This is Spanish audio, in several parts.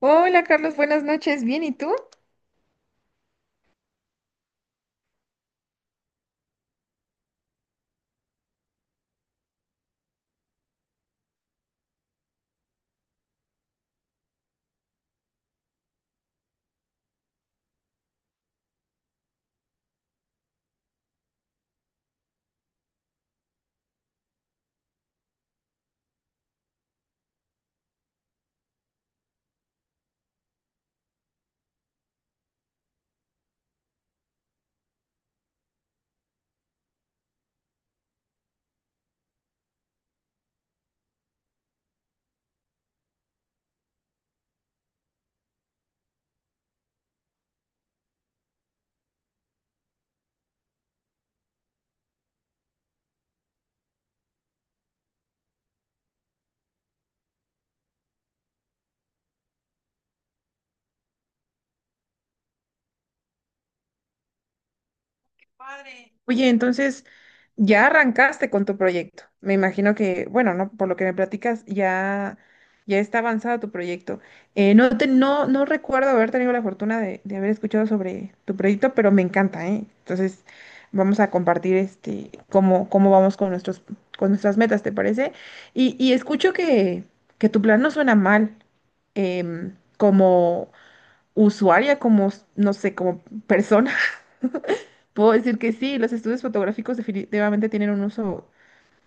Hola Carlos, buenas noches. Bien, ¿y tú? Oye, entonces ya arrancaste con tu proyecto. Me imagino que, bueno, no, por lo que me platicas, ya está avanzado tu proyecto. No te, no, No recuerdo haber tenido la fortuna de haber escuchado sobre tu proyecto, pero me encanta, ¿eh? Entonces, vamos a compartir este cómo vamos con con nuestras metas, ¿te parece? Y escucho que tu plan no suena mal. Como usuaria, como, no sé, como persona, puedo decir que sí, los estudios fotográficos definitivamente tienen un uso,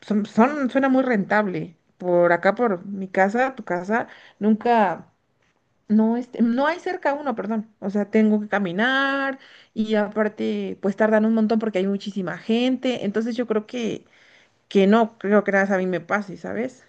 suena muy rentable. Por acá, por mi casa, tu casa, nunca, no, este, no hay cerca uno, perdón. O sea, tengo que caminar y aparte, pues tardan un montón porque hay muchísima gente. Entonces yo creo que creo que nada más a mí me pase, ¿sabes?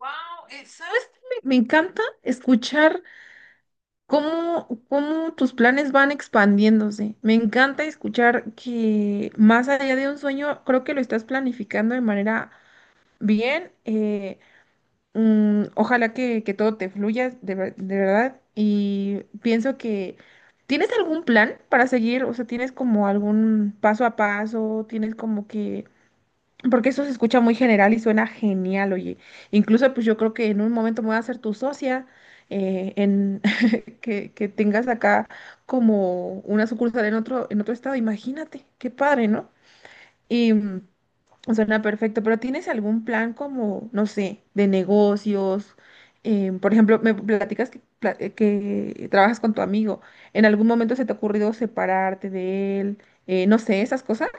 Wow, ¿sabes qué? Me encanta escuchar cómo tus planes van expandiéndose. Me encanta escuchar que más allá de un sueño, creo que lo estás planificando de manera bien. Ojalá que todo te fluya de verdad. Y pienso que ¿tienes algún plan para seguir? O sea, ¿tienes como algún paso a paso? ¿Tienes como que porque eso se escucha muy general y suena genial, oye? Incluso, pues yo creo que en un momento me voy a hacer tu socia, en que tengas acá como una sucursal en en otro estado. Imagínate, qué padre, ¿no? Y suena perfecto, pero ¿tienes algún plan como, no sé, de negocios? Por ejemplo, me platicas que trabajas con tu amigo. ¿En algún momento se te ha ocurrido separarte de él? No sé, esas cosas.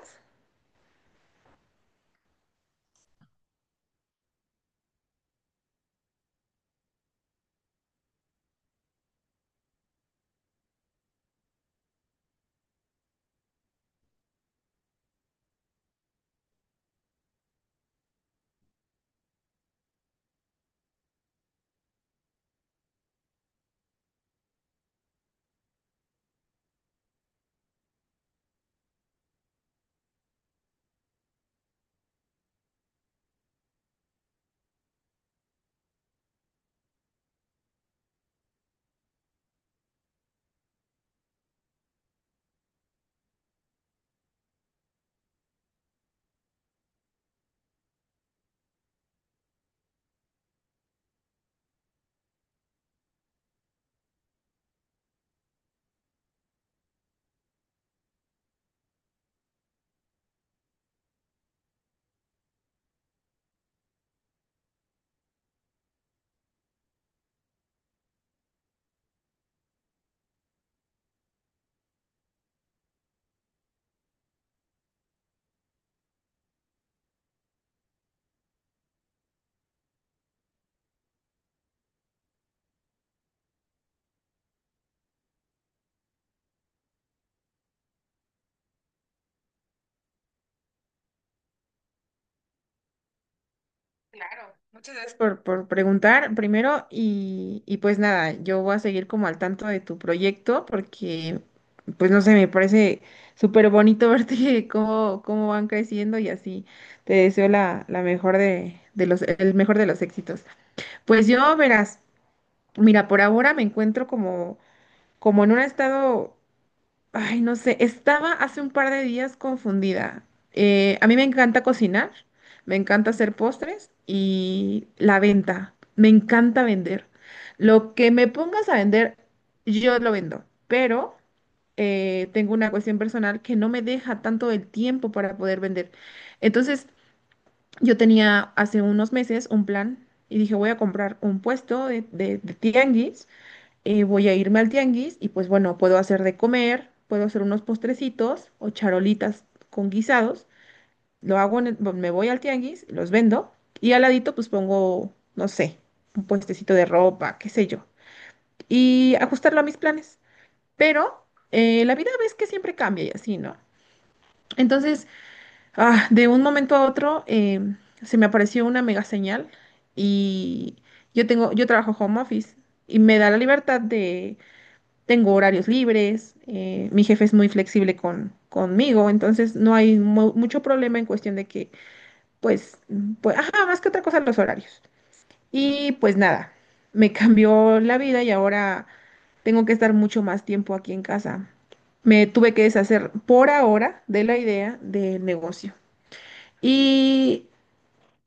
Claro, muchas gracias por preguntar primero y pues nada, yo voy a seguir como al tanto de tu proyecto porque pues no sé, me parece súper bonito verte cómo van creciendo y así te deseo la mejor el mejor de los éxitos. Pues yo verás, mira, por ahora me encuentro como, como en un estado. Ay, no sé, estaba hace un par de días confundida. A mí me encanta cocinar, me encanta hacer postres y la venta. Me encanta vender. Lo que me pongas a vender, yo lo vendo, pero tengo una cuestión personal que no me deja tanto el tiempo para poder vender. Entonces, yo tenía hace unos meses un plan y dije, voy a comprar un puesto de tianguis. Voy a irme al tianguis y pues bueno, puedo hacer de comer, puedo hacer unos postrecitos o charolitas con guisados, lo hago, bueno, me voy al tianguis, los vendo y al ladito pues pongo, no sé, un puestecito de ropa, qué sé yo, y ajustarlo a mis planes. Pero la vida ves que siempre cambia y así, ¿no? Entonces, de un momento a otro se me apareció una mega señal. Y yo tengo, yo trabajo home office y me da la libertad, tengo horarios libres, mi jefe es muy flexible conmigo, entonces no hay mucho problema en cuestión de que, ajá, más que otra cosa los horarios. Y pues nada, me cambió la vida y ahora tengo que estar mucho más tiempo aquí en casa. Me tuve que deshacer por ahora de la idea del negocio. Y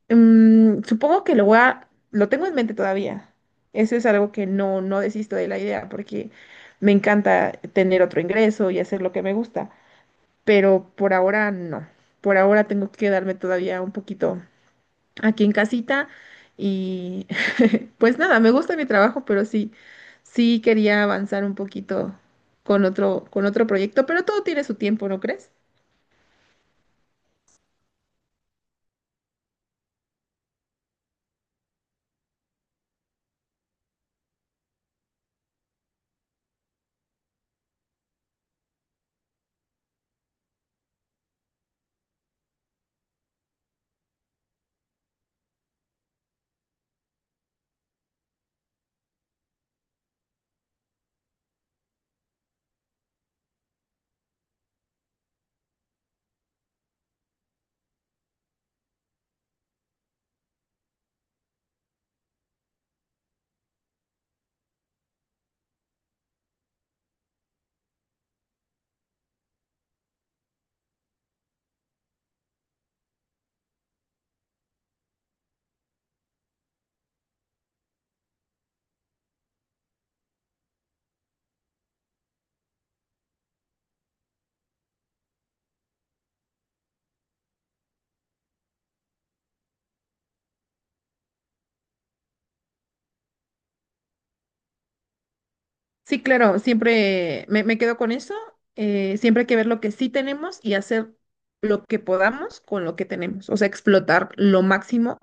Supongo que lo voy a, lo tengo en mente todavía. Eso es algo que no desisto de la idea porque me encanta tener otro ingreso y hacer lo que me gusta, pero por ahora no. Por ahora tengo que quedarme todavía un poquito aquí en casita. Y pues nada, me gusta mi trabajo, pero sí, sí quería avanzar un poquito con con otro proyecto, pero todo tiene su tiempo, ¿no crees? Sí, claro, siempre me quedo con eso. Siempre hay que ver lo que sí tenemos y hacer lo que podamos con lo que tenemos, o sea, explotar lo máximo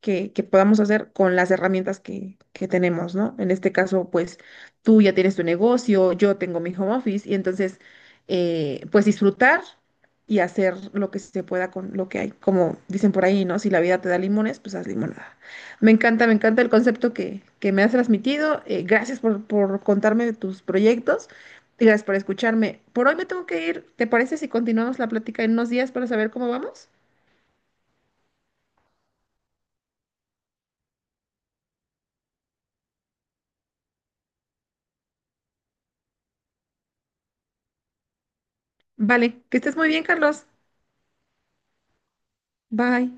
que podamos hacer con las herramientas que tenemos, ¿no? En este caso, pues tú ya tienes tu negocio, yo tengo mi home office y entonces, pues disfrutar y hacer lo que se pueda con lo que hay. Como dicen por ahí, ¿no? Si la vida te da limones, pues haz limonada. Me encanta el concepto que me has transmitido. Gracias por contarme de tus proyectos. Gracias por escucharme. Por hoy me tengo que ir. ¿Te parece si continuamos la plática en unos días para saber cómo vamos? Vale, que estés muy bien, Carlos. Bye.